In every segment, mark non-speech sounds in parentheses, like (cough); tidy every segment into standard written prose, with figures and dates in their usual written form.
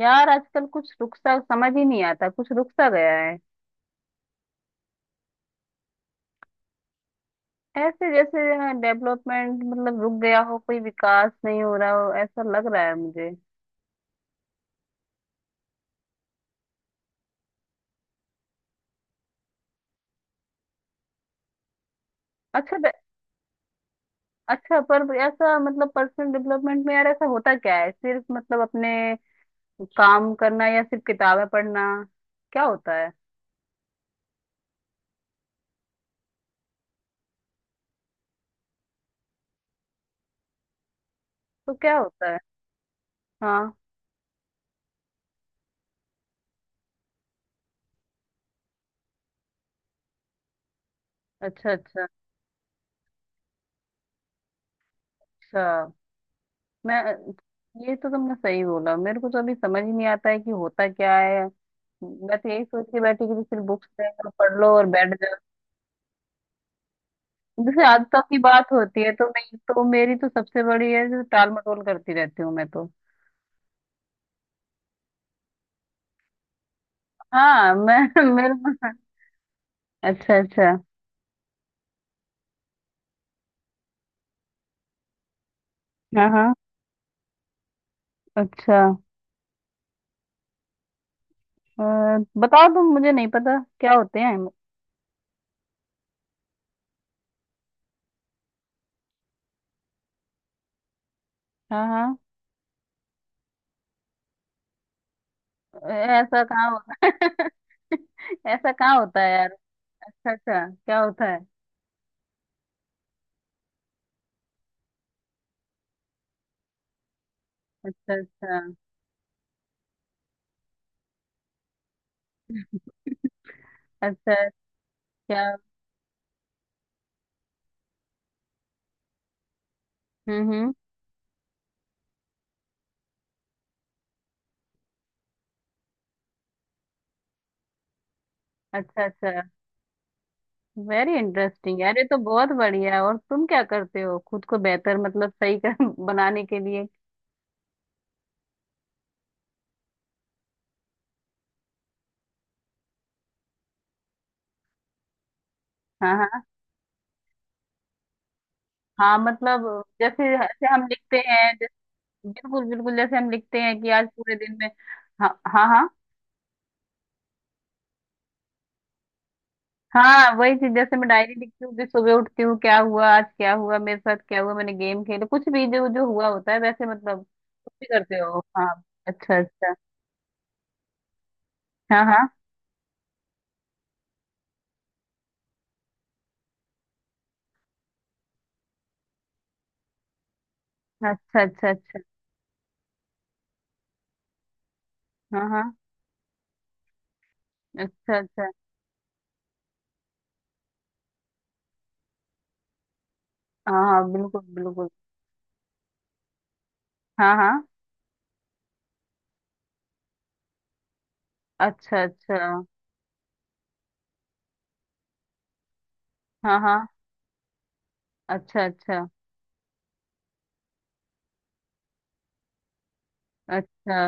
यार आजकल कुछ रुक सा समझ ही नहीं आता, कुछ रुक सा गया है। ऐसे जैसे डेवलपमेंट मतलब रुक गया हो, कोई विकास नहीं हो रहा हो, ऐसा लग रहा है मुझे। अच्छा ब- अच्छा, पर ऐसा मतलब पर्सनल डेवलपमेंट में यार ऐसा होता क्या है? सिर्फ मतलब अपने काम करना या सिर्फ किताबें पढ़ना? क्या होता है? तो क्या होता है? हाँ। अच्छा अच्छा अच्छा। मैं ये तो तुमने सही बोला, मेरे को तो अभी समझ ही नहीं आता है कि होता क्या है। मैं तो यही सोच के बैठी कि सिर्फ बुक्स रहेगा, पढ़ लो और बैठ जाओ। जैसे आदतों की बात होती है तो मैं तो मेरी तो सबसे बड़ी है जो टाल मटोल करती रहती हूँ मैं तो। हाँ मैं (laughs) मेरे। अच्छा अच्छा। हाँ हाँ। अच्छा। अ, बताओ तुम, मुझे नहीं पता क्या होते हैं। हाँ हाँ। ऐसा कहाँ होता है? (laughs) ऐसा कहाँ होता है यार? अच्छा अच्छा, क्या होता है? अच्छा अच्छा अच्छा। क्या? हम्म। अच्छा अच्छा। वेरी इंटरेस्टिंग यार, ये तो बहुत बढ़िया है। और तुम क्या करते हो खुद को बेहतर मतलब सही कर (laughs) बनाने के लिए? हाँ हाँ। हाँ मतलब जैसे जैसे हम लिखते हैं, जैसे, बिल्कुल बिल्कुल जैसे हम लिखते हैं कि आज पूरे दिन में। हाँ हाँ हाँ। हाँ वही चीज जैसे मैं डायरी लिखती हूँ, फिर सुबह उठती हूँ, क्या हुआ आज, क्या हुआ मेरे साथ, क्या हुआ, मैंने गेम खेला, कुछ भी जो जो हुआ होता है, वैसे मतलब कुछ भी करते हो। हाँ। अच्छा अच्छा। हाँ हाँ। अच्छा अच्छा अच्छा। हाँ हाँ। अच्छा अच्छा। हाँ हाँ बिल्कुल बिल्कुल। हाँ हाँ। अच्छा अच्छा। हाँ हाँ। अच्छा अच्छा अच्छा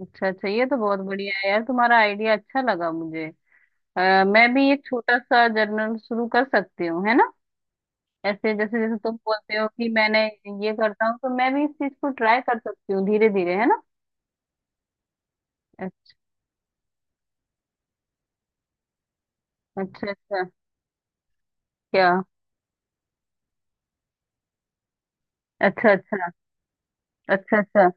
अच्छा अच्छा, ये तो बहुत बढ़िया है यार, तुम्हारा आइडिया अच्छा लगा मुझे। मैं भी एक छोटा सा जर्नल शुरू कर सकती हूँ, है ना? ऐसे जैसे जैसे तुम बोलते हो कि मैंने ये करता हूँ, तो मैं भी इस चीज को ट्राई कर सकती हूँ धीरे धीरे, है ना? अच्छा अच्छा। क्या? अच्छा अच्छा अच्छा अच्छा।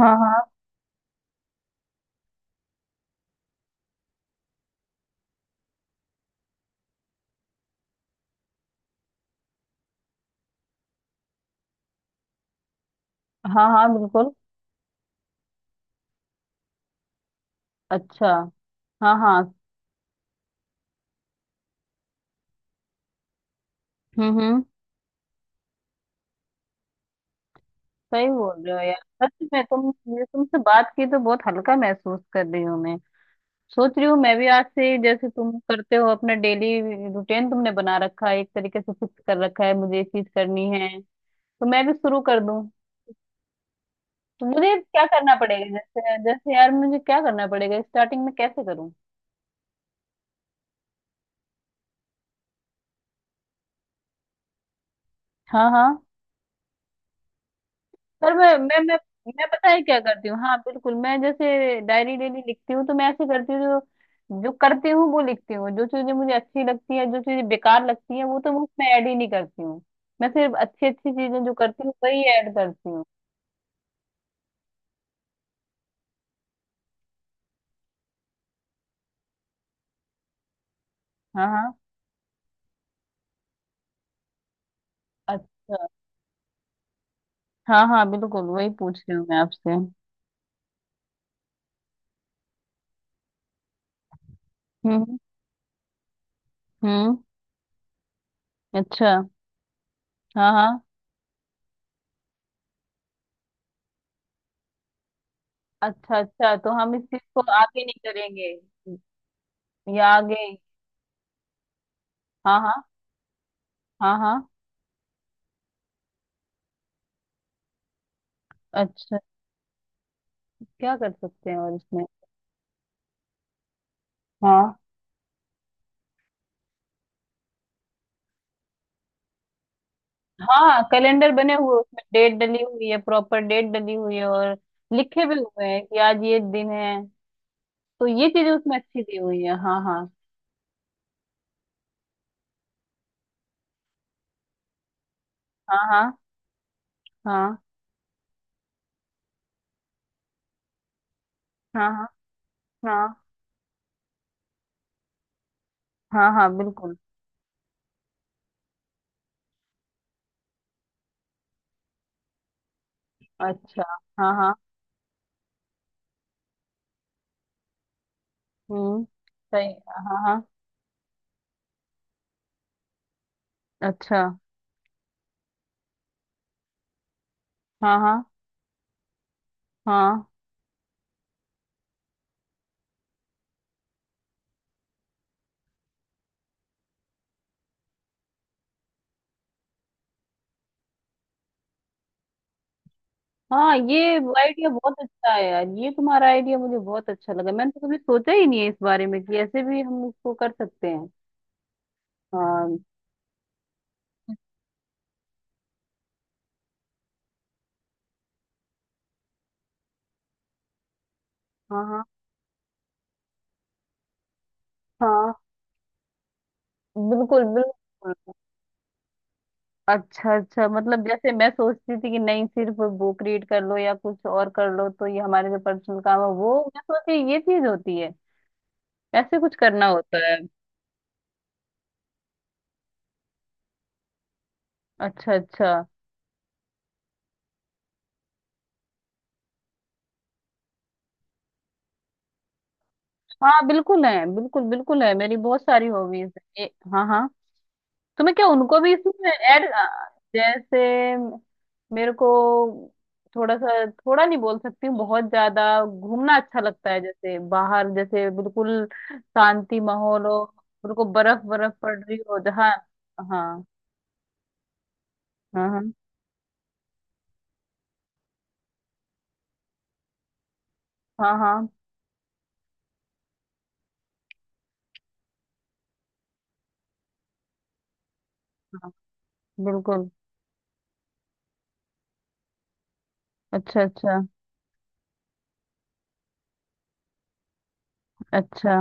हाँ हाँ हाँ हाँ बिल्कुल। अच्छा। हाँ हाँ। हम्म। सही बोल रहे हो यार, सच में तुम, मुझे तुमसे बात की तो बहुत हल्का महसूस कर रही हूँ मैं। सोच रही हूँ मैं भी आज से जैसे तुम करते हो अपना डेली रूटीन तुमने बना रखा है एक तरीके से, फिक्स कर रखा है मुझे ये चीज करनी है, तो मैं भी शुरू कर दूँ। तो मुझे क्या करना पड़ेगा जैसे जैसे यार, मुझे क्या करना पड़ेगा स्टार्टिंग में, कैसे करूँ? हाँ हाँ। पर मैं मैं पता है क्या करती हूँ? हाँ बिल्कुल, मैं जैसे डायरी डेली लिखती हूँ तो मैं ऐसे करती हूँ, जो जो करती हूँ वो लिखती हूँ, जो चीजें मुझे अच्छी लगती है, जो चीजें बेकार लगती है वो तो मैं उसमें ऐड ही नहीं करती हूँ। मैं सिर्फ अच्छी अच्छी चीजें जो करती हूँ वही ऐड करती हूँ। हाँ हाँ। अच्छा। हाँ हाँ बिल्कुल वही पूछ रही हूँ मैं आपसे। हम्म हम्म। अच्छा। हाँ हाँ। अच्छा अच्छा, तो हम इस चीज को आगे नहीं करेंगे या आगे? हाँ हाँ हाँ हाँ। अच्छा। क्या कर सकते हैं और इसमें? हाँ हाँ कैलेंडर बने हुए उसमें, डेट डली हुई है, प्रॉपर डेट डली हुई है, और लिखे भी हुए हैं कि आज ये दिन है, तो ये चीजें उसमें अच्छी दी हुई है। हाँ हाँ। हाँ हाँ हाँ। हाँ हाँ हाँ हाँ हाँ बिल्कुल। अच्छा। हाँ हाँ। हम्म। सही। हाँ हाँ। अच्छा। हाँ हाँ हाँ हाँ ये आइडिया बहुत अच्छा है यार, ये तुम्हारा आइडिया मुझे बहुत अच्छा लगा, मैंने तो कभी सोचा ही नहीं है इस बारे में कि ऐसे भी हम इसको कर सकते हैं। हाँ हाँ। हाँ हाँ बिल्कुल बिल्कुल। अच्छा अच्छा मतलब जैसे मैं सोचती थी कि नहीं सिर्फ बुक रीड कर लो या कुछ और कर लो तो ये हमारे जो पर्सनल काम है वो मैं सोची ये चीज होती है, ऐसे कुछ करना होता है। अच्छा अच्छा। हाँ बिल्कुल है, बिल्कुल बिल्कुल है, मेरी बहुत सारी हॉबीज है हाँ हाँ। तो मैं क्या उनको भी इसमें ऐड? जैसे मेरे को थोड़ा सा थोड़ा नहीं बोल सकती हूँ, बहुत ज्यादा घूमना अच्छा लगता है, जैसे बाहर, जैसे बिल्कुल शांति माहौल हो, बिल्कुल बर्फ बर्फ पड़ रही हो जहाँ। हाँ हाँ हाँ हाँ हाँ बिल्कुल। अच्छा अच्छा अच्छा।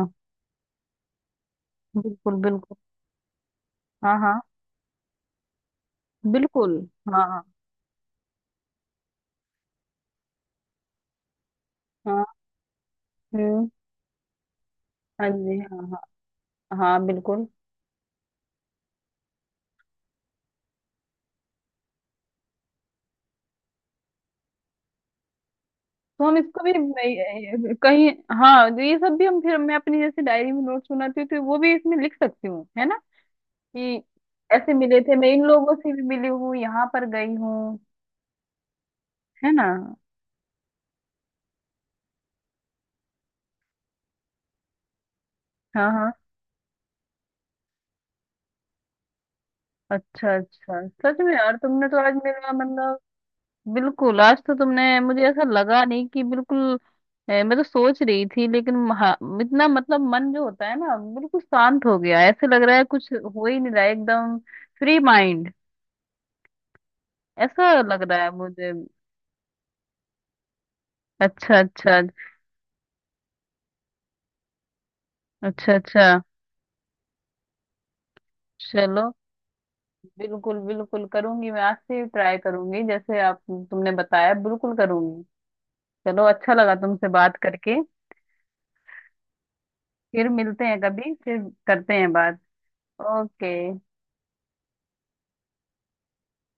बिल्कुल बिल्कुल। हाँ हाँ बिल्कुल। हाँ हाँ हाँ। हम्म। हाँ जी हाँ। हाँ बिल्कुल। तो हम इसको भी नहीं- कहीं। हाँ तो ये सब भी हम फिर मैं अपनी जैसे डायरी में नोट्स बनाती हूँ तो वो भी इसमें लिख सकती हूँ, है ना? कि ऐसे मिले थे, मैं इन लोगों से भी मिली हूँ, यहाँ पर गई हूँ, है ना? हाँ हाँ। अच्छा अच्छा, सच में यार तुमने तो आज मेरा मतलब, बिल्कुल आज तो तुमने मुझे, ऐसा लगा नहीं कि बिल्कुल मैं तो सोच रही थी लेकिन इतना मतलब मन जो होता है ना, बिल्कुल शांत हो गया, ऐसे लग रहा है कुछ हो ही नहीं रहा है, एकदम फ्री माइंड, ऐसा लग रहा है मुझे। अच्छा अच्छा अच्छा अच्छा। चलो, बिल्कुल बिल्कुल करूंगी, मैं आज से ही ट्राई करूंगी जैसे आप तुमने बताया, बिल्कुल करूंगी। चलो, अच्छा लगा तुमसे बात करके। फिर मिलते हैं कभी फिर, करते हैं बात। ओके।